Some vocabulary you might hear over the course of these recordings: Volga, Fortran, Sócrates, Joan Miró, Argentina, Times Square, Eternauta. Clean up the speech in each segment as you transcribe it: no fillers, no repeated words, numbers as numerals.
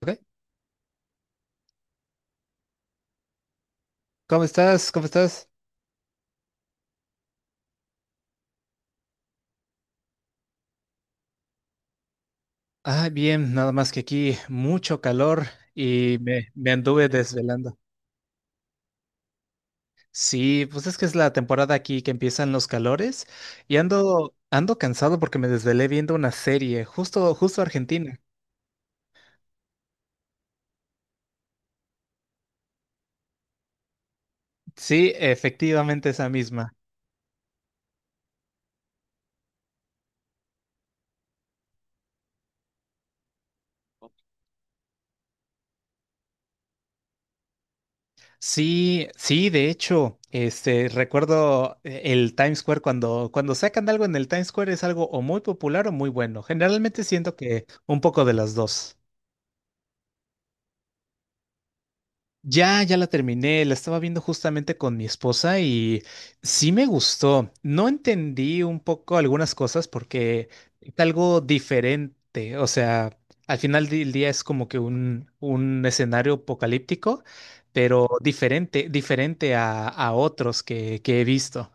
Ok. ¿Cómo estás? ¿Cómo estás? Ah, bien, nada más que aquí mucho calor y me anduve desvelando. Sí, pues es que es la temporada aquí que empiezan los calores y ando cansado porque me desvelé viendo una serie, justo, justo Argentina. Sí, efectivamente esa misma. Sí, sí, de hecho, este, recuerdo el Times Square cuando sacan algo en el Times Square es algo o muy popular o muy bueno. Generalmente siento que un poco de las dos. Ya, ya la terminé, la estaba viendo justamente con mi esposa y sí me gustó. No entendí un poco algunas cosas porque es algo diferente, o sea, al final del día es como que un escenario apocalíptico, pero diferente, diferente a otros que he visto.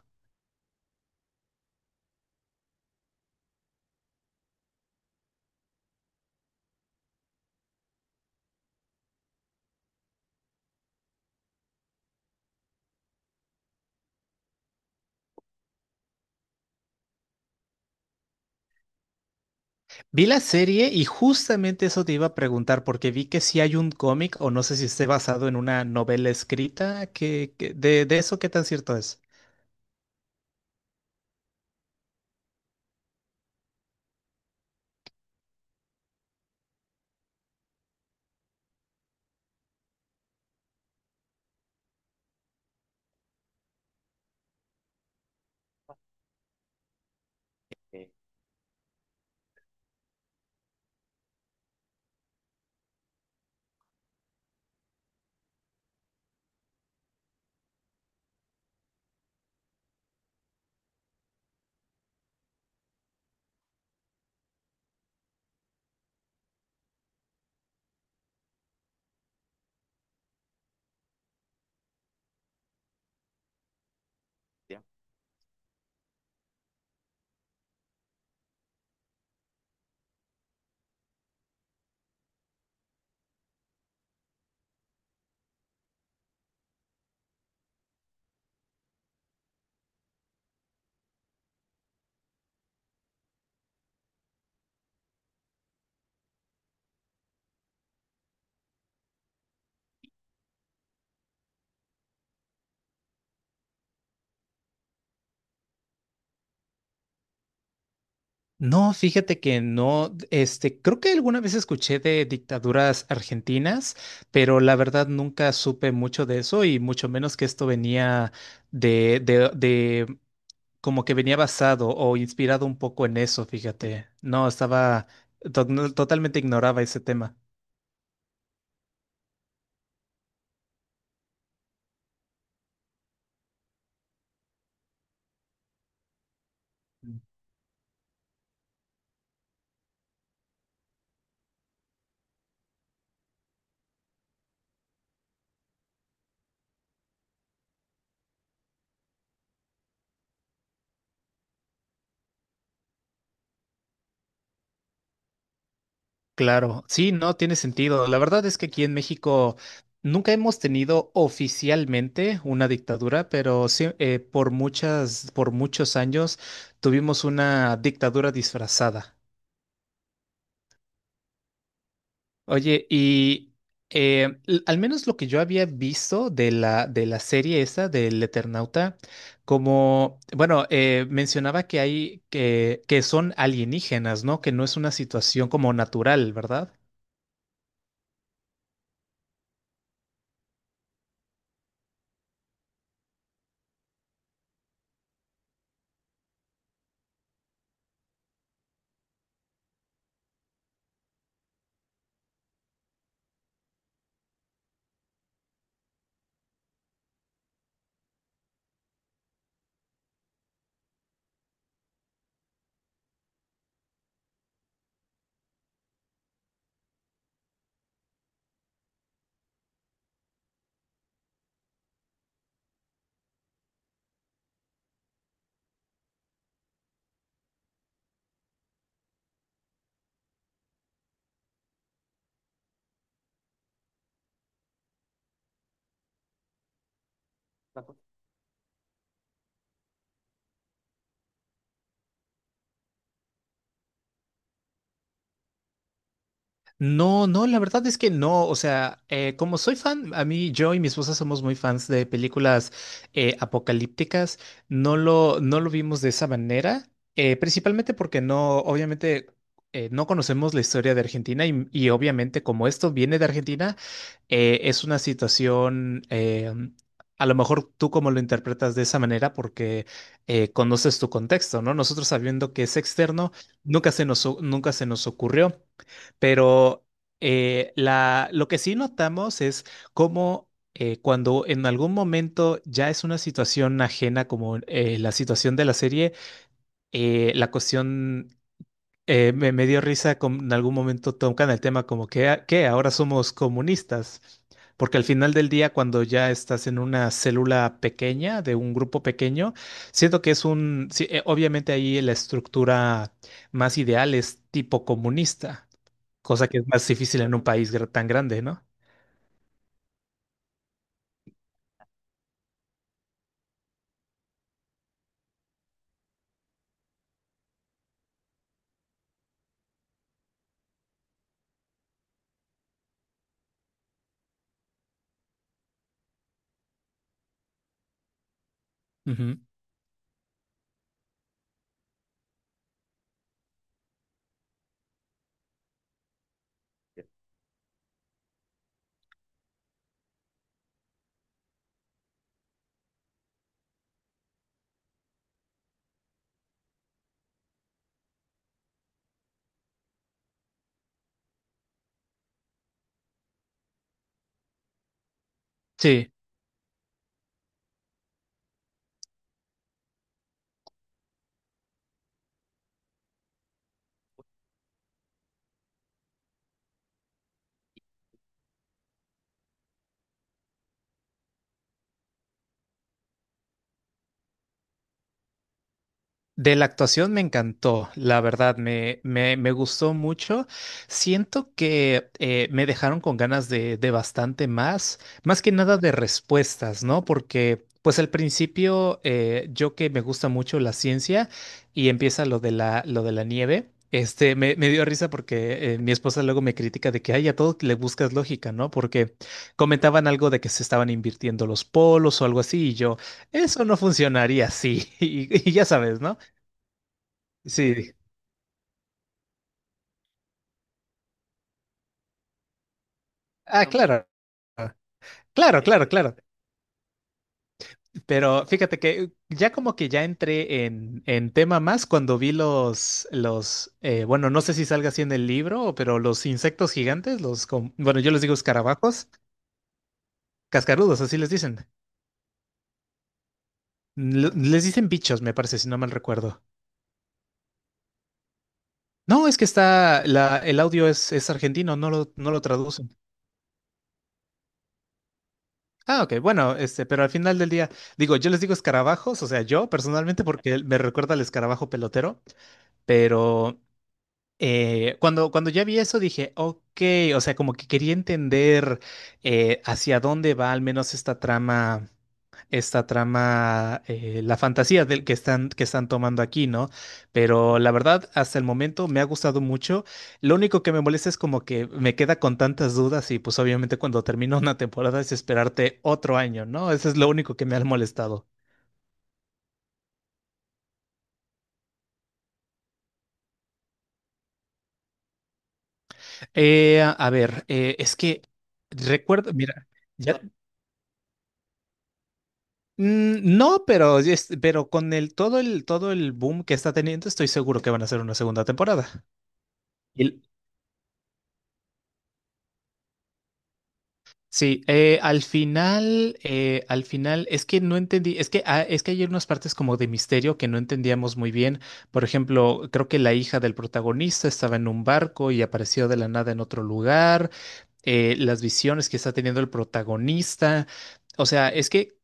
Vi la serie y justamente eso te iba a preguntar porque vi que si hay un cómic o no sé si esté basado en una novela escrita de eso, ¿qué tan cierto es? No, fíjate que no, este, creo que alguna vez escuché de dictaduras argentinas, pero la verdad nunca supe mucho de eso y mucho menos que esto venía de como que venía basado o inspirado un poco en eso, fíjate. No, no, totalmente ignoraba ese tema. Claro, sí, no tiene sentido. La verdad es que aquí en México nunca hemos tenido oficialmente una dictadura, pero sí, por muchos años tuvimos una dictadura disfrazada. Oye, y al menos lo que yo había visto de la, serie esa del Eternauta, como, bueno, mencionaba que son alienígenas, ¿no? Que no es una situación como natural, ¿verdad? No, no, la verdad es que no. O sea, como soy fan, yo y mi esposa somos muy fans de películas apocalípticas. No lo vimos de esa manera, principalmente porque no, obviamente, no conocemos la historia de Argentina y obviamente como esto viene de Argentina, es una situación. A lo mejor tú como lo interpretas de esa manera porque conoces tu contexto, ¿no? Nosotros sabiendo que es externo, nunca se nos ocurrió. Pero lo que sí notamos es cómo cuando en algún momento ya es una situación ajena, como la situación de la serie, la cuestión me dio risa, como en algún momento tocan el tema como que, "Ah, ¿qué? Ahora somos comunistas". Porque al final del día, cuando ya estás en una célula pequeña, de un grupo pequeño, siento que es un, sí, obviamente ahí la estructura más ideal es tipo comunista, cosa que es más difícil en un país tan grande, ¿no? Ujú. Sí. De la actuación me encantó, la verdad, me gustó mucho. Siento que me dejaron con ganas de bastante más, más que nada de respuestas, ¿no? Porque, pues al principio, yo que me gusta mucho la ciencia y empieza lo de la nieve. Este, me dio risa porque mi esposa luego me critica de que, ay, a todo le buscas lógica, ¿no? Porque comentaban algo de que se estaban invirtiendo los polos o algo así, y yo, eso no funcionaría así, y ya sabes, ¿no? Sí. Ah, claro. Claro, claro, claro. Pero fíjate que ya como que ya entré en tema más cuando vi bueno, no sé si salga así en el libro, pero los insectos gigantes, bueno, yo les digo escarabajos, cascarudos, así les dicen. Les dicen bichos, me parece, si no mal recuerdo. No, es que el audio es argentino, no lo traducen. Ah, ok, bueno, este, pero al final del día, digo, yo les digo escarabajos, o sea, yo personalmente, porque me recuerda al escarabajo pelotero. Pero cuando ya vi eso dije, ok, o sea, como que quería entender hacia dónde va al menos esta trama, la fantasía del que están tomando aquí, ¿no? Pero la verdad, hasta el momento me ha gustado mucho. Lo único que me molesta es como que me queda con tantas dudas y pues obviamente cuando termina una temporada es esperarte otro año, ¿no? Eso es lo único que me ha molestado. A ver, es que recuerdo, mira. Ya. Mm. No, pero, pero con el todo el todo el boom que está teniendo, estoy seguro que van a hacer una segunda temporada. Y- Sí, al final, es que no entendí, es que hay unas partes como de misterio que no entendíamos muy bien. Por ejemplo, creo que la hija del protagonista estaba en un barco y apareció de la nada en otro lugar, las visiones que está teniendo el protagonista. O sea, es que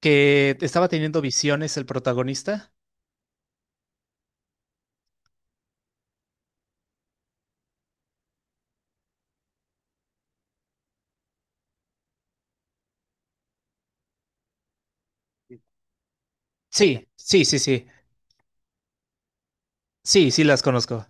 que estaba teniendo visiones el protagonista. Sí, sí, sí, sí. Sí, sí las conozco.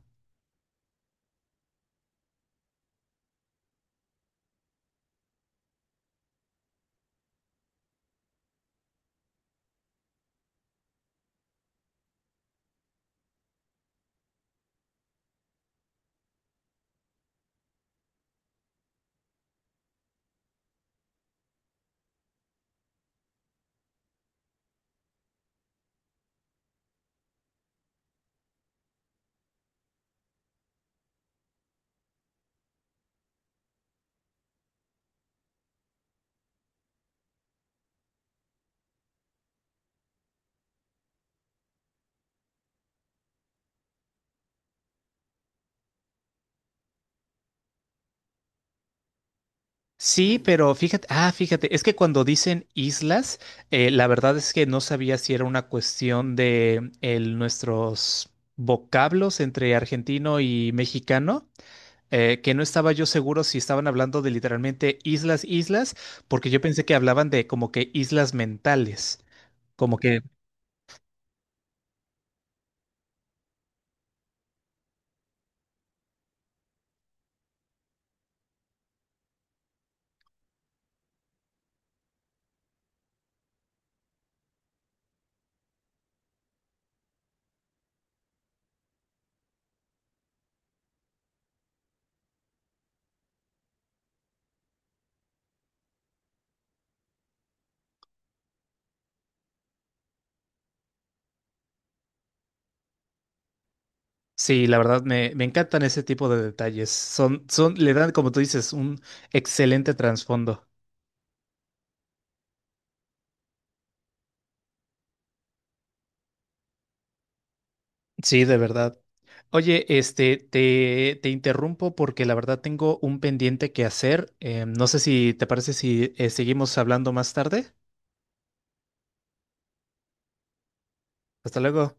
Sí, pero fíjate, es que cuando dicen islas, la verdad es que no sabía si era una cuestión de nuestros vocablos entre argentino y mexicano, que no estaba yo seguro si estaban hablando de literalmente islas, islas, porque yo pensé que hablaban de como que islas mentales, como que sí. La verdad me encantan ese tipo de detalles, le dan, como tú dices, un excelente trasfondo. Sí, de verdad. Oye, este, te interrumpo porque la verdad tengo un pendiente que hacer. No sé si te parece si seguimos hablando más tarde. Hasta luego.